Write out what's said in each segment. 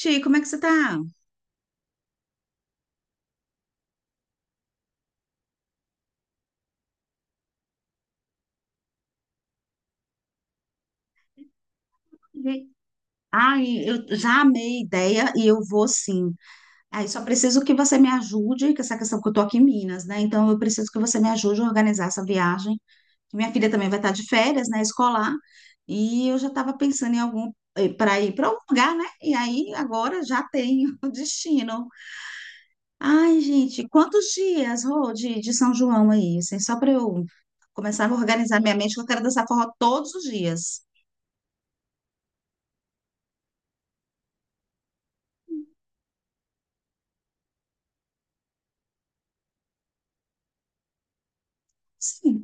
Ti, como é que você tá? E- Ai, eu já amei a ideia e eu vou sim. Aí só preciso que você me ajude, com essa questão que eu tô aqui em Minas, né? Então eu preciso que você me ajude a organizar essa viagem. Minha filha também vai estar de férias, né? Escolar. E eu já estava pensando em algum para ir para algum lugar, né? E aí agora já tenho o destino. Ai, gente, quantos dias, Rô, de São João aí? Assim, só para eu começar a organizar minha mente, que eu quero dançar forró todos os dias. Sim,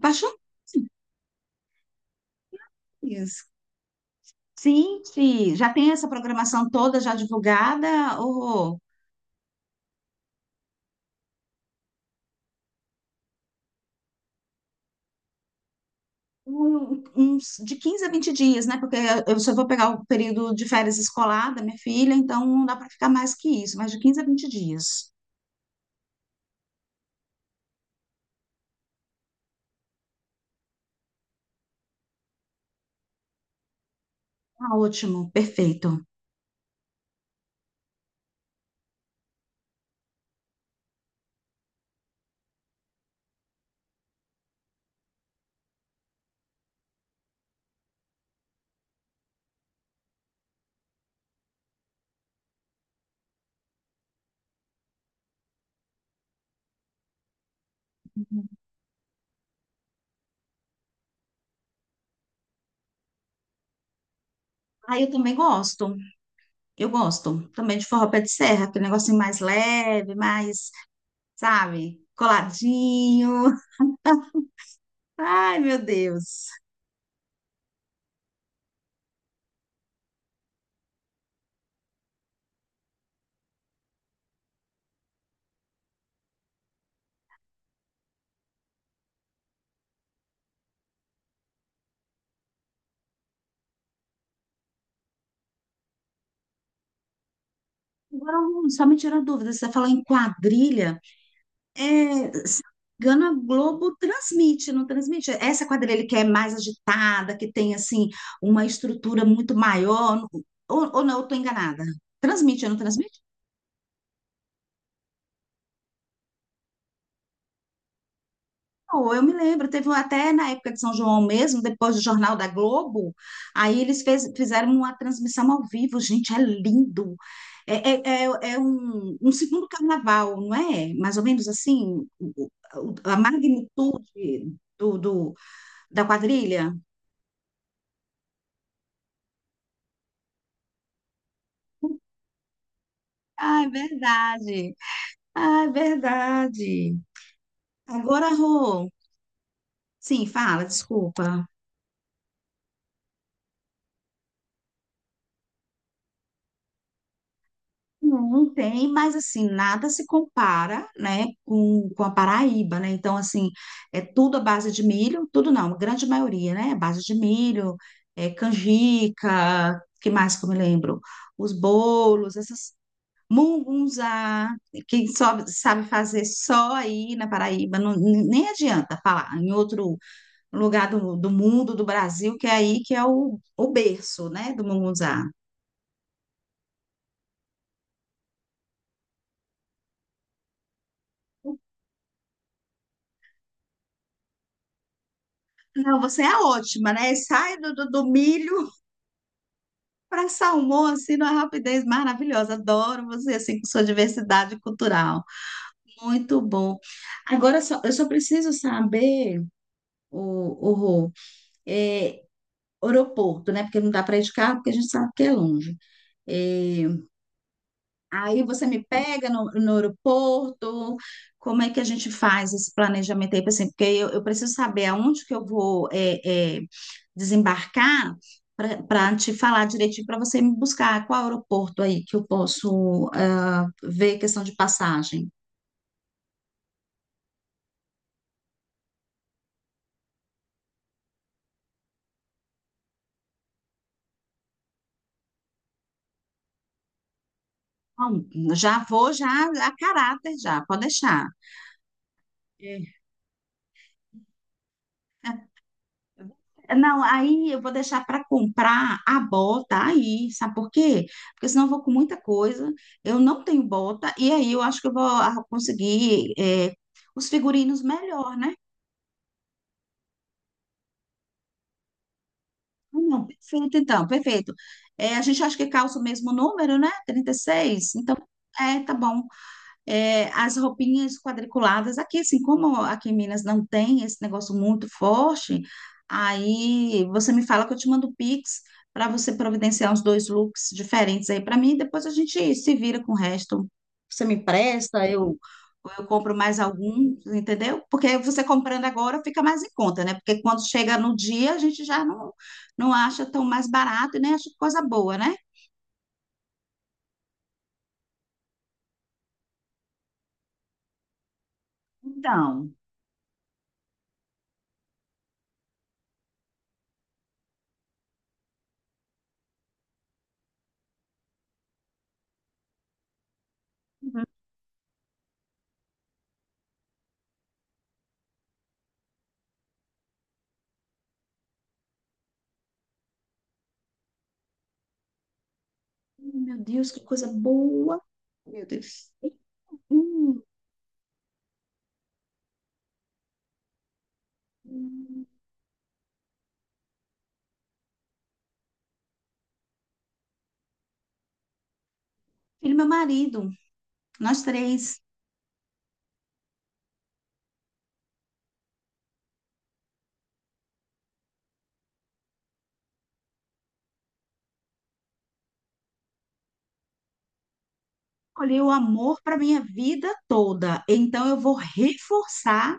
paixões. Gente, já tem essa programação toda já divulgada? Ou uns de quinze a 20 dias, né? Porque eu só vou pegar o período de férias escolar da minha filha, então não dá para ficar mais que isso, mas de 15 a 20 dias. Ah, ótimo, perfeito. Ah, eu também gosto, eu gosto também de forró pé de serra, aquele negocinho mais leve, mais, sabe, coladinho. Ai, meu Deus. Agora, só me tirou dúvida, você falou em quadrilha. É, se não me engano, a Globo transmite, não transmite. Essa quadrilha que é mais agitada, que tem assim uma estrutura muito maior, ou não, eu estou enganada. Transmite? Não, eu me lembro, teve até na época de São João mesmo, depois do Jornal da Globo, aí eles fizeram uma transmissão ao vivo, gente, é lindo. É um segundo carnaval, não é? Mais ou menos assim, a magnitude do, do- da quadrilha. Ai, verdade. Ai, verdade. Agora, Rô, sim, fala, desculpa. Não, não tem, mas assim, nada se compara, né, com a Paraíba, né? Então, assim, é tudo à base de milho, tudo não, a grande maioria, né? À base de milho, é, canjica, que mais que eu me lembro? Os bolos, essas mungunzá, que só sabe fazer só aí na Paraíba, não, nem adianta falar em outro lugar do mundo, do Brasil, que é aí que é o berço, né, do munguzá. Não, você é ótima, né? Sai do milho para salmão, assim, numa rapidez maravilhosa. Adoro você, assim, com sua diversidade cultural. Muito bom. Agora, só, eu só preciso saber, o Rô, é, aeroporto, né? Porque não dá para ir de carro, porque a gente sabe que é longe. É, aí você me pega no aeroporto, como é que a gente faz esse planejamento aí, assim, porque eu preciso saber aonde que eu vou é, é, desembarcar para te falar direitinho, para você me buscar qual aeroporto aí que eu posso ver questão de passagem. Bom, já vou já a caráter já, pode deixar. Não, aí eu vou deixar para comprar a bota aí, sabe por quê? Porque senão eu vou com muita coisa, eu não tenho bota, e aí eu acho que eu vou conseguir os figurinos melhor, né? Ah, não, perfeito, então, perfeito. Eh, a gente acha que calça o mesmo número, né? 36. Então, é, tá bom. É, as roupinhas quadriculadas. Aqui, assim, como aqui em Minas não tem esse negócio muito forte, aí você me fala que eu te mando o Pix para você providenciar uns dois looks diferentes aí para mim. Depois a gente se vira com o resto. Você me empresta, eu compro mais algum, entendeu? Porque você comprando agora fica mais em conta, né? Porque quando chega no dia, a gente já não acha tão mais barato e nem acha coisa boa, né? Então. Meu Deus, que coisa boa. Meu Deus. Hum, hum. Ele, meu marido, nós três, escolhi o amor para minha vida toda. Então eu vou reforçar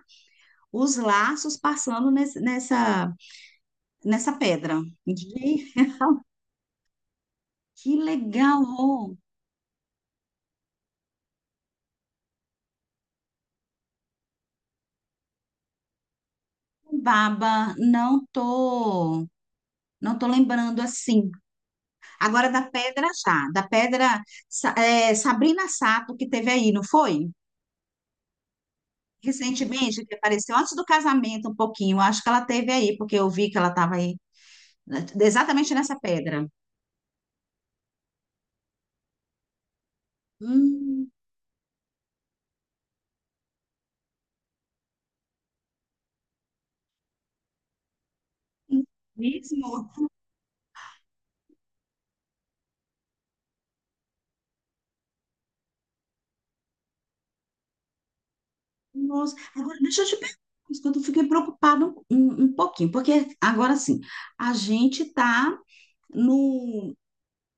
os laços passando nessa pedra. Gente, que legal! Baba, não tô lembrando assim. Agora da pedra já, da pedra Sabrina Sato que teve aí, não foi? Recentemente, que apareceu antes do casamento um pouquinho, acho que ela teve aí, porque eu vi que ela estava aí, né, exatamente nessa pedra. Hum, mesmo? Nossa, agora deixa eu te perguntar, uma coisa, que eu fiquei preocupada um pouquinho, porque agora sim, a gente está no,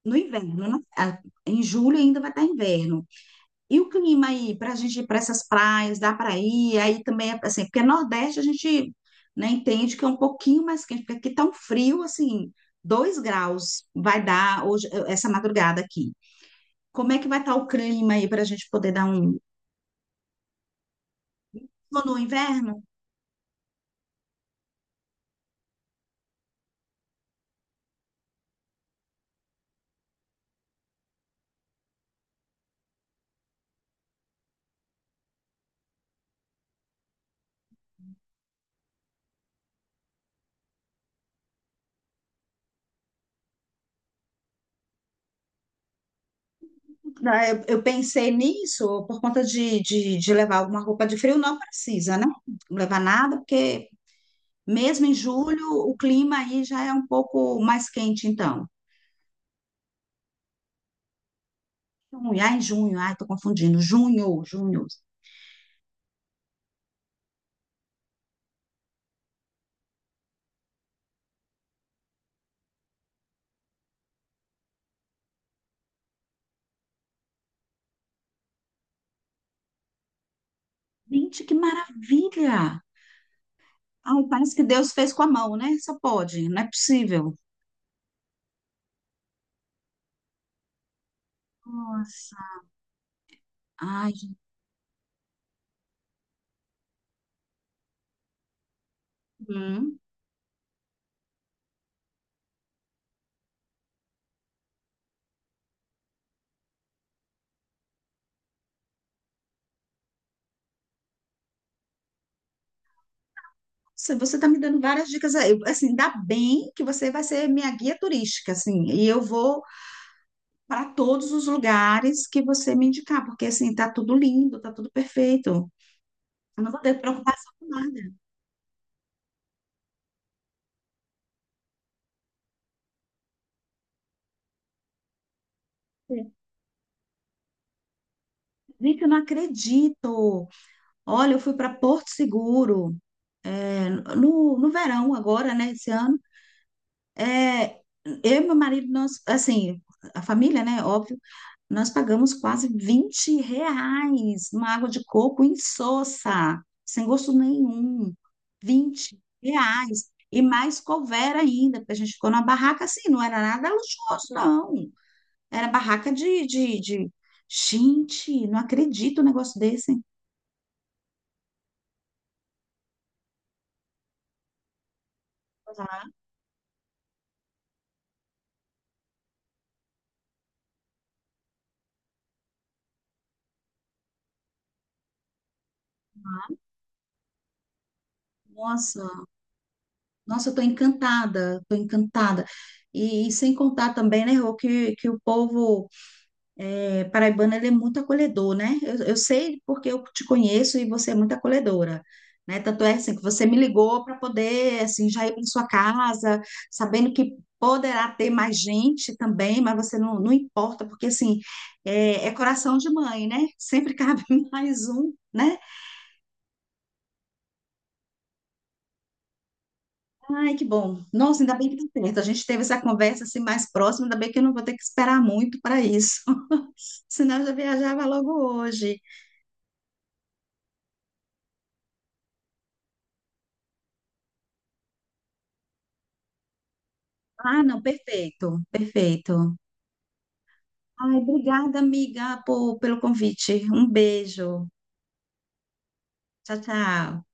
no inverno, né? Ah, em julho ainda vai estar inverno. E o clima aí, para a gente ir para essas praias, dá para ir? Aí também, é assim, porque Nordeste a gente, né, entende que é um pouquinho mais quente, porque aqui tá um frio, assim, 2 graus vai dar hoje, essa madrugada aqui. Como é que vai estar o clima aí para a gente poder dar um. Ou no inverno, né, eu pensei nisso por conta de levar alguma roupa de frio, não precisa, né? Não levar nada, porque mesmo em julho o clima aí já é um pouco mais quente, então. Junho, ai, tô confundindo. Junho, junho. Gente, que maravilha! Ai, parece que Deus fez com a mão, né? Só pode, não é possível. Nossa, ai, gente. Hum. Nossa, você tá me dando várias dicas aí. Assim, dá bem que você vai ser minha guia turística, assim, e eu vou para todos os lugares que você me indicar, porque assim, tá tudo lindo, tá tudo perfeito. Eu não vou ter preocupação com nada. Gente, eu não acredito. Olha, eu fui para Porto Seguro. É, no verão agora, né, esse ano, é, eu e meu marido, nós, assim, a família, né, óbvio, nós pagamos quase R$ 20 numa água de coco insossa, sem gosto nenhum, R$ 20, e mais couvera ainda, porque a gente ficou numa barraca assim, não era nada luxuoso, não, era barraca Gente, não acredito um negócio desse, hein? Nossa, Nossa, eu estou encantada, estou encantada. E sem contar também, né, Rô, que o povo é, paraibano ele é muito acolhedor, né? Eu sei porque eu te conheço e você é muito acolhedora, né? Tanto é assim que você me ligou para poder assim já ir para sua casa, sabendo que poderá ter mais gente também, mas você não, não importa porque assim é coração de mãe, né? Sempre cabe mais um, né? Ai, que bom. Nossa, ainda bem que deu certo. A gente teve essa conversa assim mais próxima, ainda bem que eu não vou ter que esperar muito para isso. Senão eu já viajava logo hoje. Ah, não, perfeito, perfeito. Ai, obrigada, amiga, pelo convite. Um beijo. Tchau, tchau.